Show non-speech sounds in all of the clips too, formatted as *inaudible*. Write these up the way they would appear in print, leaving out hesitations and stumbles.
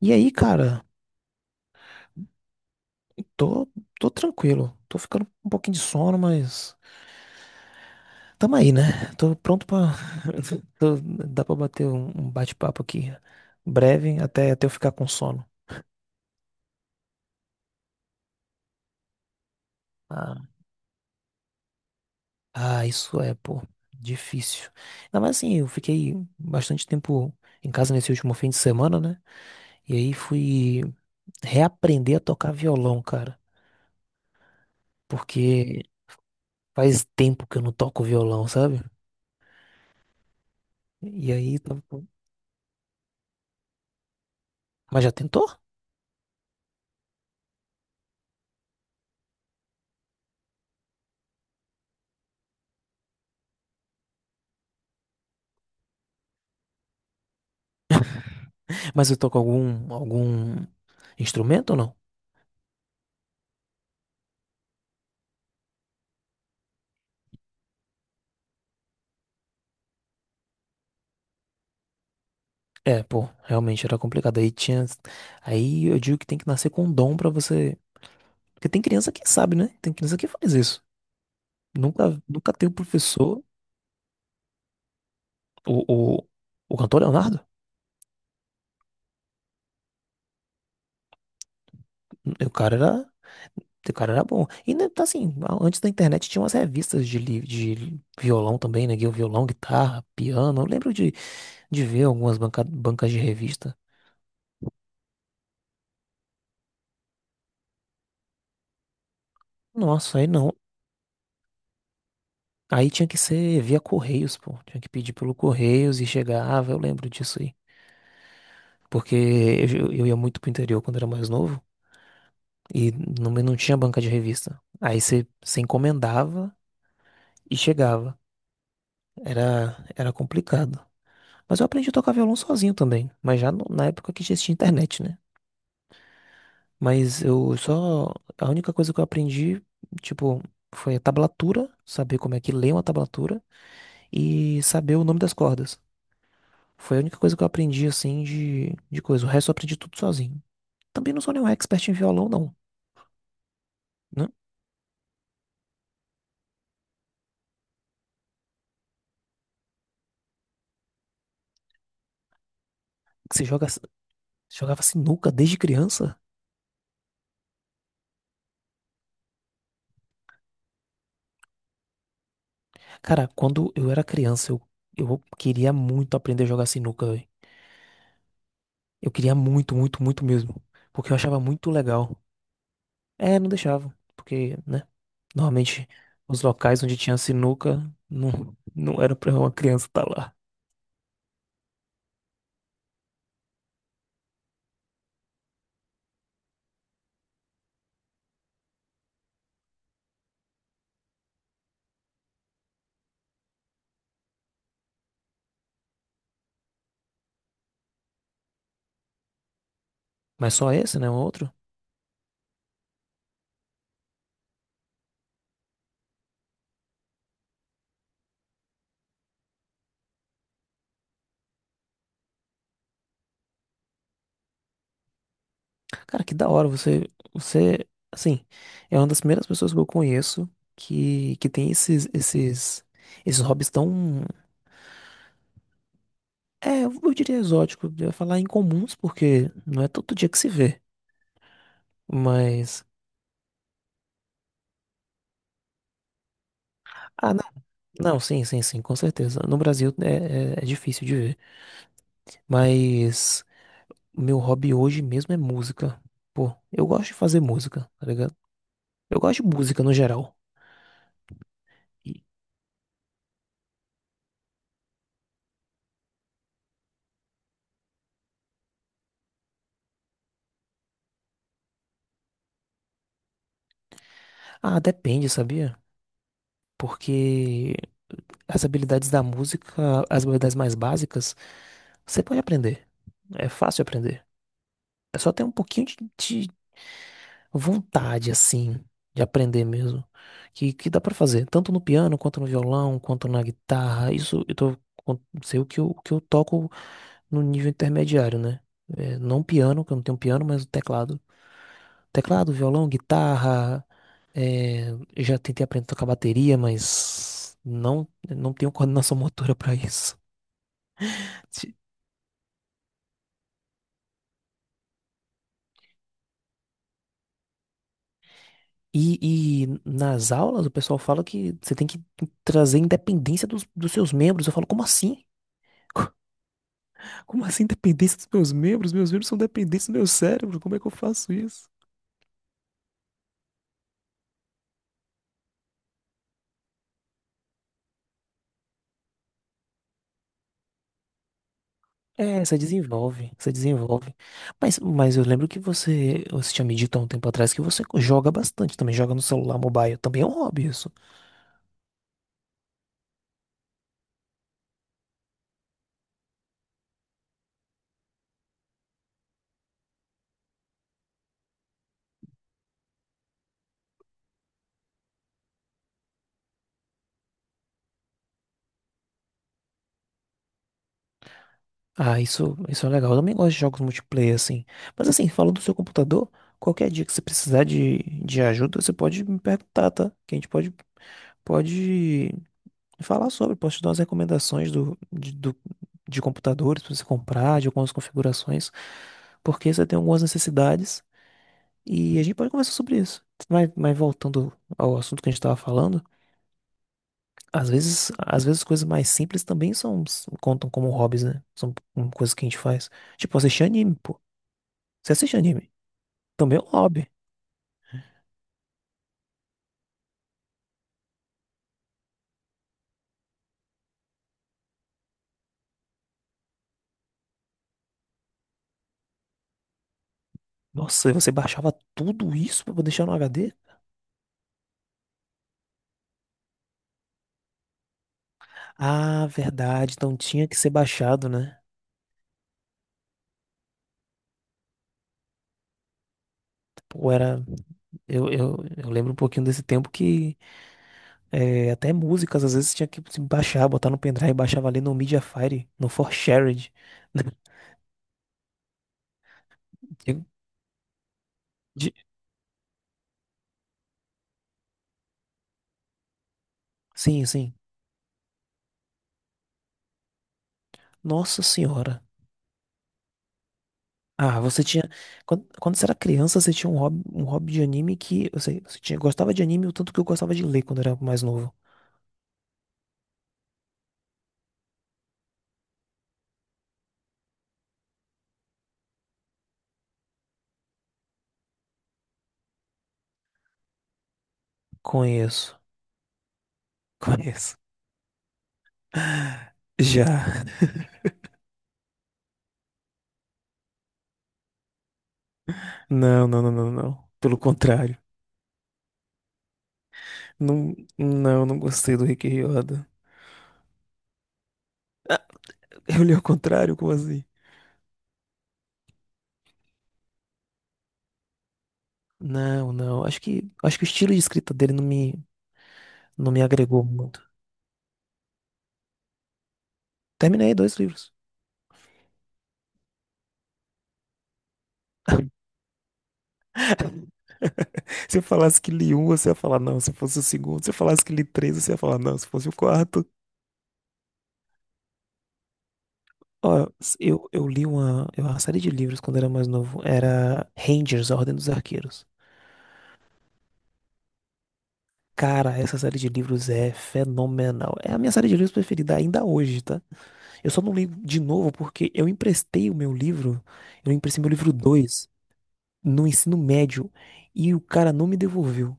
E aí, cara. Tô, tô tranquilo. Tô ficando com um pouquinho de sono, mas tamo aí, né? Tô pronto pra. *laughs* Dá pra bater um bate-papo aqui breve até eu ficar com sono. Ah, isso é, pô, difícil. Ainda mais assim, eu fiquei bastante tempo em casa nesse último fim de semana, né? E aí fui reaprender a tocar violão, cara. Porque faz tempo que eu não toco violão, sabe? E aí, tá- mas já tentou? Mas eu toco algum instrumento ou não? É, pô, realmente era complicado. Aí tinha. Aí eu digo que tem que nascer com um dom pra você. Porque tem criança que sabe, né? Tem criança que faz isso. Nunca teve professor. O, o, o cantor Leonardo? O cara era. O cara era bom. E né, tá assim, antes da internet tinha umas revistas de violão também, né? Violão, guitarra, piano. Eu lembro de ver algumas bancas de revista. Nossa, aí não. Aí tinha que ser via Correios, pô. Tinha que pedir pelo Correios e chegava, eu lembro disso aí. Porque eu ia muito pro interior quando era mais novo e não tinha banca de revista. Aí você encomendava e chegava. Era complicado. Mas eu aprendi a tocar violão sozinho também. Mas já na época que já existia internet, né? Mas eu só. A única coisa que eu aprendi, tipo, foi a tablatura, saber como é que lê uma tablatura e saber o nome das cordas. Foi a única coisa que eu aprendi, assim, de coisa. O resto eu aprendi tudo sozinho. Também não sou nenhum expert em violão, não. Né? Que você jogava sinuca desde criança? Cara, quando eu era criança, eu queria muito aprender a jogar sinuca, velho. Eu queria muito, muito, muito mesmo. Porque eu achava muito legal. É, não deixava. Porque, né? Normalmente, os locais onde tinha sinuca, não era pra uma criança estar lá. Mas só esse, né? O outro? Cara, que da hora você, assim, é uma das primeiras pessoas que eu conheço que tem esses hobbies tão, é, eu diria exótico, eu ia falar incomuns, porque não é todo dia que se vê, mas, ah, não, sim, com certeza, no Brasil é difícil de ver, mas o meu hobby hoje mesmo é música, pô, eu gosto de fazer música, tá ligado? Eu gosto de música no geral. E- ah, depende, sabia? Porque as habilidades da música, as habilidades mais básicas, você pode aprender. É fácil aprender. É só ter um pouquinho de vontade, assim, de aprender mesmo. Que dá pra fazer, tanto no piano, quanto no violão, quanto na guitarra. Isso eu tô, sei o que o que eu toco no nível intermediário, né? É, não piano, que eu não tenho piano, mas o teclado. Teclado, violão, guitarra. É, eu já tentei aprender a tocar bateria, mas não tenho *laughs* coordenação motora pra isso. *laughs* E nas aulas o pessoal fala que você tem que trazer independência dos seus membros. Eu falo, como assim? *laughs* Co- Como assim independência dos meus membros? Meus membros são dependentes do meu cérebro. Como é que eu faço isso? É, você desenvolve, você desenvolve. Mas eu lembro que você tinha me dito há um tempo atrás que você joga bastante, também joga no celular mobile. Também é um hobby isso. Ah, isso é legal. Eu também gosto de jogos multiplayer, assim. Mas assim, falando do seu computador, qualquer dia que você precisar de ajuda, você pode me perguntar, tá? Que a gente pode pode falar sobre, posso te dar umas recomendações de computadores para você comprar, de algumas configurações, porque você tem algumas necessidades e a gente pode conversar sobre isso. Mas voltando ao assunto que a gente estava falando, às vezes coisas mais simples também são, contam como hobbies, né? São coisas que a gente faz. Tipo, assistir anime, pô. Você assiste anime? Também é um hobby. Nossa, e você baixava tudo isso pra deixar no HD? Ah, verdade. Então tinha que ser baixado, né? Pô, era. Eu lembro um pouquinho desse tempo que é, até músicas às vezes tinha que se baixar, botar no pendrive, baixava ali no Mediafire, no ForShared. *laughs* De- de- Sim, sim. Nossa senhora. Ah, você tinha. Quando você era criança, você tinha um hobby de anime que. Eu sei, você tinha, gostava de anime o tanto que eu gostava de ler quando era mais novo. Conheço. *laughs* Conheço. Já. Não. Pelo contrário. Não gostei do Rick Riordan. Ah, eu li ao contrário? Como assim? Não, não. Acho que o estilo de escrita dele não me, não me agregou muito. Terminei dois livros. *laughs* Se eu falasse que li um, você ia falar não. Se fosse o segundo, se eu falasse que li três, você ia falar não. Se fosse o quarto. Ó, eu li uma, eu- uma série de livros quando era mais novo. Era Rangers, A Ordem dos Arqueiros. Cara, essa série de livros é fenomenal. É a minha série de livros preferida ainda hoje, tá? Eu só não li de novo porque eu emprestei o meu livro. Eu emprestei meu livro dois no ensino médio e o cara não me devolveu.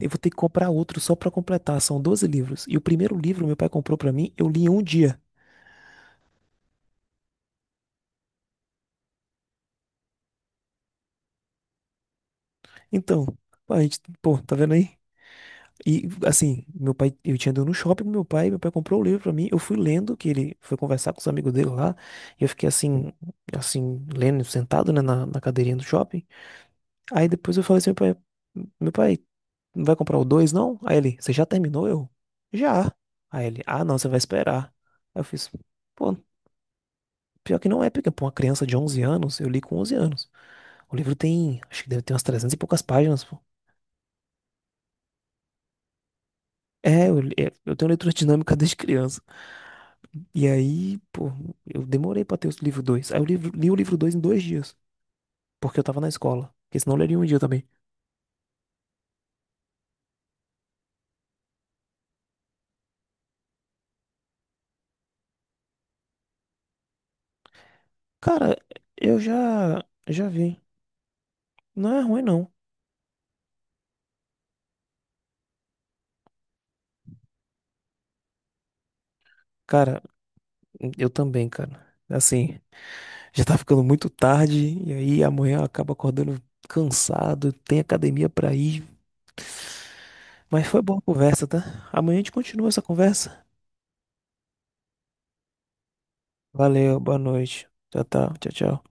Eu vou ter que comprar outro só pra completar. São 12 livros. E o primeiro livro meu pai comprou pra mim, eu li em um dia. Então, a gente, pô, tá vendo aí? E assim, meu pai, eu tinha ido no shopping com meu pai comprou o livro pra mim, eu fui lendo, que ele foi conversar com os amigos dele lá, e eu fiquei assim, assim, lendo, sentado, né, na cadeirinha do shopping. Aí depois eu falei assim, meu pai, não vai comprar o 2 não? Aí ele, você já terminou? Eu, já. Aí ele, ah, não, você vai esperar. Aí eu fiz, pô, pior que não é, porque pra uma criança de 11 anos, eu li com 11 anos. O livro tem, acho que deve ter umas 300 e poucas páginas, pô. É, é, eu tenho leitura dinâmica *laughs* desde criança. E aí, pô, eu demorei pra ter o livro dois. Aí eu li o livro 2 em dois dias, porque eu tava na escola. Porque senão eu leria um dia também. Cara, eu já vi. Não é ruim, não. Cara, eu também, cara. Assim. Já tá ficando muito tarde e aí amanhã acaba acordando cansado, tem academia pra ir. Mas foi boa a conversa, tá? Amanhã a gente continua essa conversa. Valeu, boa noite. Tchau, tchau, tchau, tchau.